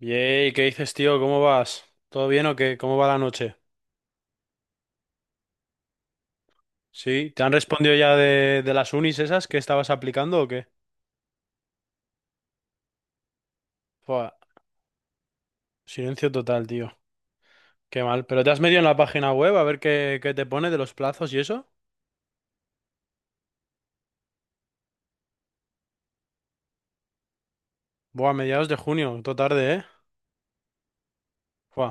Yey, ¿qué dices, tío? ¿Cómo vas? ¿Todo bien o qué? ¿Cómo va la noche? ¿Sí? ¿Te han respondido ya de las unis esas que estabas aplicando o qué? Fua, silencio total, tío. Qué mal. ¿Pero te has metido en la página web a ver qué te pone de los plazos y eso? Buah, mediados de junio, todo tarde, ¿eh? Fua,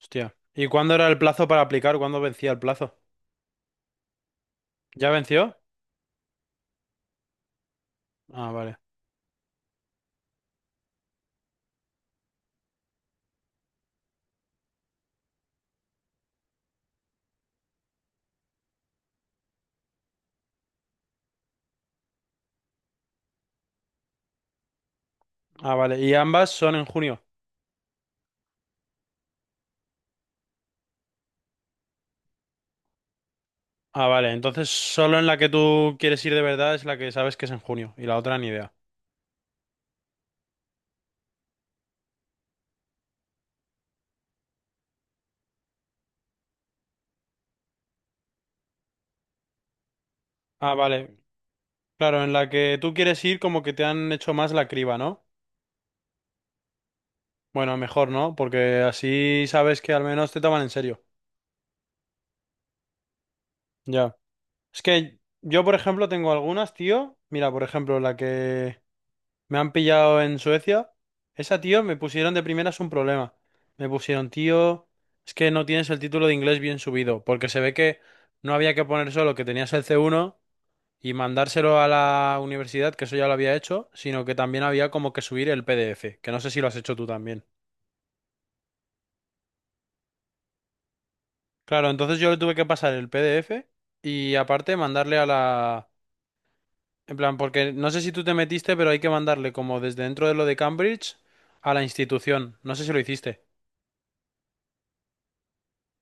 hostia. ¿Y cuándo era el plazo para aplicar? ¿Cuándo vencía el plazo? ¿Ya venció? Ah, vale. Ah, vale. ¿Y ambas son en junio? Ah, vale. Entonces, solo en la que tú quieres ir de verdad es la que sabes que es en junio y la otra ni idea. Ah, vale. Claro, en la que tú quieres ir como que te han hecho más la criba, ¿no? Bueno, mejor, ¿no? Porque así sabes que al menos te toman en serio. Ya. Es que yo, por ejemplo, tengo algunas, tío. Mira, por ejemplo, la que me han pillado en Suecia. Esa, tío, me pusieron de primeras un problema. Me pusieron, tío, es que no tienes el título de inglés bien subido, porque se ve que no había que poner solo que tenías el C1 y mandárselo a la universidad, que eso ya lo había hecho, sino que también había como que subir el PDF, que no sé si lo has hecho tú también. Claro, entonces yo le tuve que pasar el PDF y aparte mandarle a la... En plan, porque no sé si tú te metiste, pero hay que mandarle como desde dentro de lo de Cambridge a la institución. No sé si lo hiciste.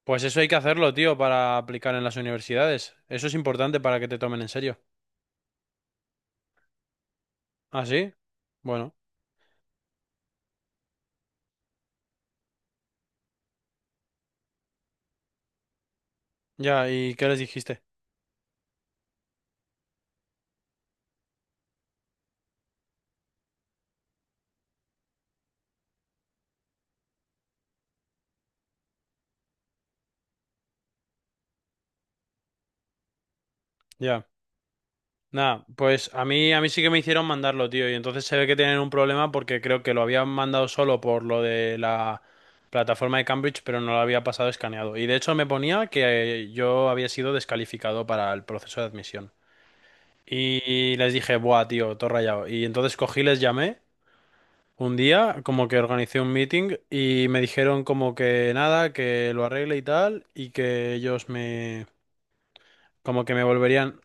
Pues eso hay que hacerlo, tío, para aplicar en las universidades. Eso es importante para que te tomen en serio. ¿Ah, sí? Bueno, ya, ¿y qué les dijiste? Ya. Nada, pues a mí sí que me hicieron mandarlo, tío, y entonces se ve que tienen un problema porque creo que lo habían mandado solo por lo de la plataforma de Cambridge, pero no lo había pasado escaneado. Y de hecho me ponía que yo había sido descalificado para el proceso de admisión. Y les dije, buah, tío, todo rayado. Y entonces cogí, les llamé un día, como que organicé un meeting y me dijeron como que nada, que lo arregle y tal, y que ellos me... Como que me volverían...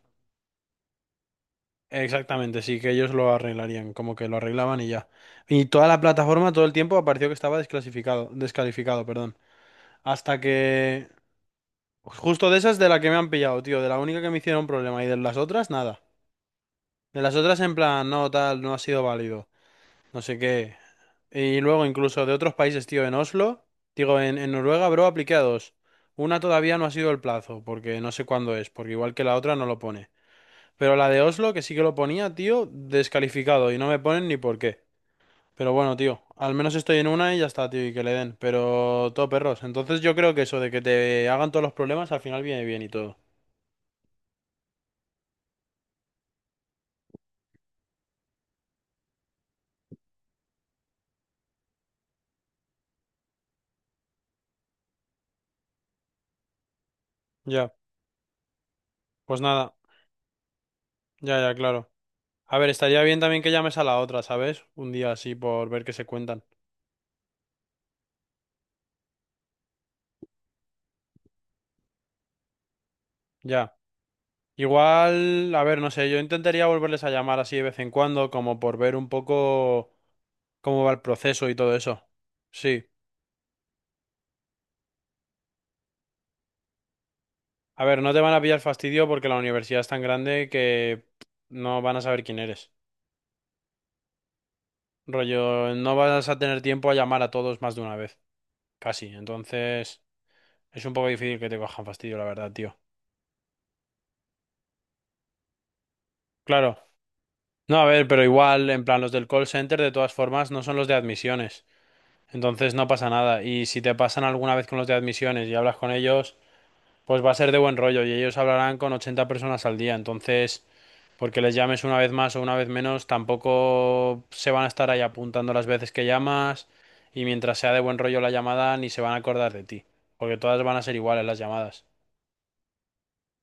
Exactamente, sí, que ellos lo arreglarían, como que lo arreglaban y ya. Y toda la plataforma todo el tiempo apareció que estaba desclasificado, descalificado, perdón. Hasta que... Justo de esas de la que me han pillado, tío, de la única que me hicieron problema y de las otras, nada. De las otras en plan, no, tal, no ha sido válido, no sé qué. Y luego incluso de otros países, tío, en Oslo, digo, en Noruega, bro, apliqué a dos. Una todavía no ha sido el plazo, porque no sé cuándo es, porque igual que la otra no lo pone. Pero la de Oslo, que sí que lo ponía, tío, descalificado. Y no me ponen ni por qué. Pero bueno, tío, al menos estoy en una y ya está, tío, y que le den. Pero todo perros. Entonces yo creo que eso de que te hagan todos los problemas al final viene bien y todo. Ya, pues nada. Ya, ya, claro. A ver, estaría bien también que llames a la otra, ¿sabes? Un día así por ver qué se cuentan. Ya. Igual, a ver, no sé, yo intentaría volverles a llamar así de vez en cuando, como por ver un poco cómo va el proceso y todo eso. Sí. A ver, no te van a pillar fastidio porque la universidad es tan grande que no van a saber quién eres. Rollo, no vas a tener tiempo a llamar a todos más de una vez, casi. Entonces, es un poco difícil que te cojan fastidio, la verdad, tío. Claro. No, a ver, pero igual, en plan, los del call center, de todas formas, no son los de admisiones. Entonces, no pasa nada. Y si te pasan alguna vez con los de admisiones y hablas con ellos, pues va a ser de buen rollo y ellos hablarán con 80 personas al día. Entonces... Porque les llames una vez más o una vez menos, tampoco se van a estar ahí apuntando las veces que llamas y mientras sea de buen rollo la llamada ni se van a acordar de ti, porque todas van a ser iguales las llamadas.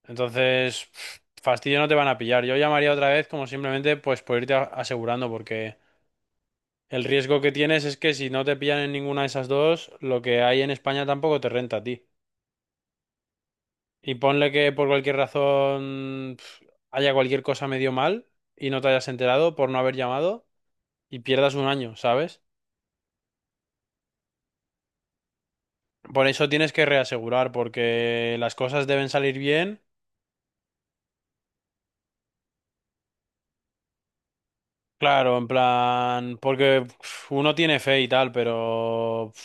Entonces, pff, fastidio no te van a pillar. Yo llamaría otra vez como simplemente pues por irte asegurando, porque el riesgo que tienes es que si no te pillan en ninguna de esas dos, lo que hay en España tampoco te renta a ti. Y ponle que por cualquier razón pff, haya cualquier cosa medio mal y no te hayas enterado por no haber llamado, y pierdas un año, ¿sabes? Por eso tienes que reasegurar, porque las cosas deben salir bien. Claro, en plan, porque uf, uno tiene fe y tal, pero uf,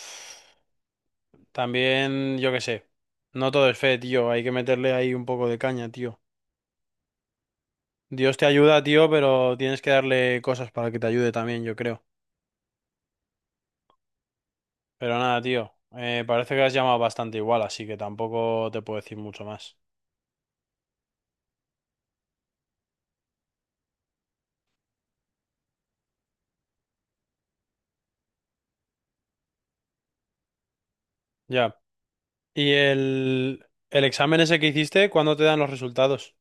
también, yo qué sé, no todo es fe, tío, hay que meterle ahí un poco de caña, tío. Dios te ayuda, tío, pero tienes que darle cosas para que te ayude también, yo creo. Pero nada, tío, parece que has llamado bastante igual, así que tampoco te puedo decir mucho más. Ya. ¿Y el examen ese que hiciste, cuándo te dan los resultados?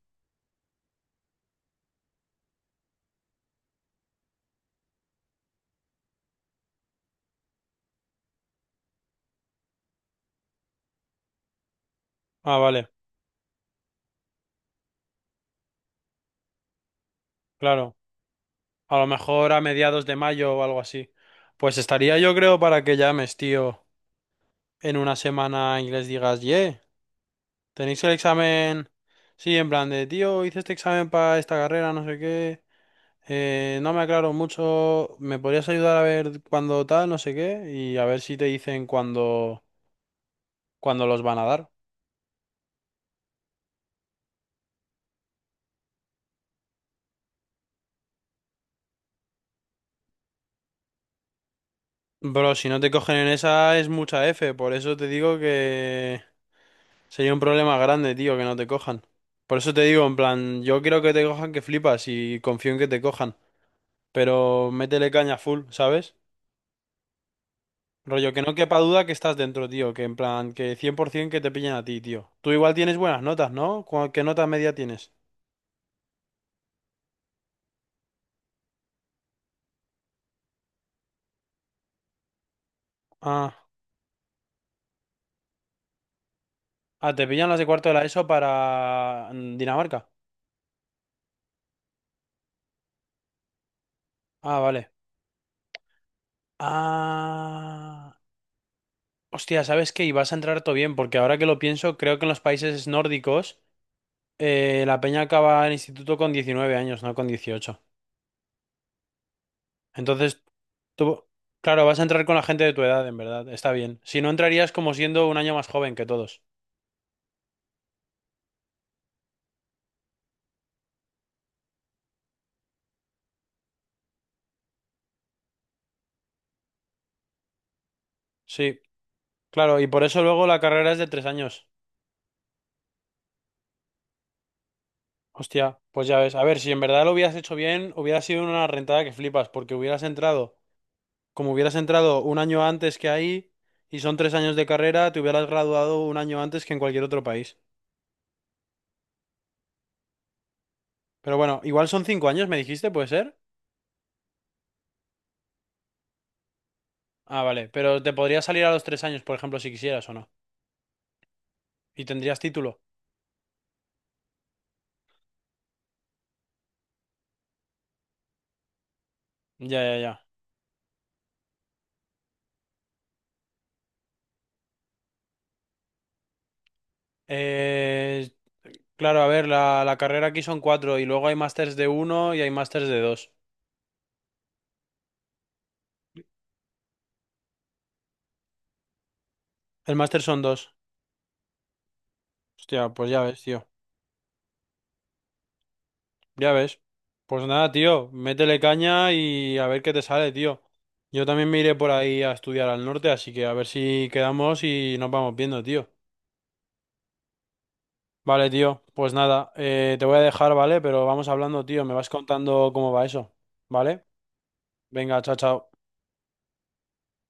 Ah, vale. Claro, a lo mejor a mediados de mayo o algo así. Pues estaría yo creo para que llames, tío, en una semana y les digas, ye, tenéis el examen. Sí, en plan de, tío, hice este examen para esta carrera, no sé qué. No me aclaro mucho, ¿me podrías ayudar a ver cuándo tal, no sé qué? Y a ver si te dicen cuándo los van a dar. Bro, si no te cogen en esa es mucha F, por eso te digo que... Sería un problema grande, tío, que no te cojan. Por eso te digo, en plan, yo quiero que te cojan que flipas y confío en que te cojan. Pero métele caña full, ¿sabes? Rollo, que no quepa duda que estás dentro, tío. Que en plan, que 100% que te pillan a ti, tío. Tú igual tienes buenas notas, ¿no? ¿Qué nota media tienes? Ah, ah, te pillan las de cuarto de la ESO para Dinamarca. Ah, vale. Ah. Hostia, ¿sabes qué? Y vas a entrar todo bien, porque ahora que lo pienso, creo que en los países nórdicos la peña acaba el instituto con 19 años, no con 18. Entonces, tú, claro, vas a entrar con la gente de tu edad, en verdad, está bien. Si no, entrarías como siendo un año más joven que todos. Sí, claro, y por eso luego la carrera es de 3 años. Hostia, pues ya ves. A ver, si en verdad lo hubieras hecho bien, hubiera sido una rentada que flipas, porque hubieras entrado, como hubieras entrado un año antes que ahí, y son 3 años de carrera, te hubieras graduado un año antes que en cualquier otro país. Pero bueno, igual son 5 años, me dijiste, ¿puede ser? Ah, vale, pero te podría salir a los 3 años, por ejemplo, si quisieras o no. ¿Y tendrías título? Ya, ya, ya. Eh, claro, a ver, la carrera aquí son cuatro y luego hay másters de uno y hay másters de dos. El máster son dos. Hostia, pues ya ves, tío. Ya ves. Pues nada, tío, métele caña y a ver qué te sale, tío. Yo también me iré por ahí a estudiar al norte, así que a ver si quedamos y nos vamos viendo, tío. Vale, tío, pues nada, te voy a dejar, ¿vale? Pero vamos hablando, tío, me vas contando cómo va eso, ¿vale? Venga, chao, chao.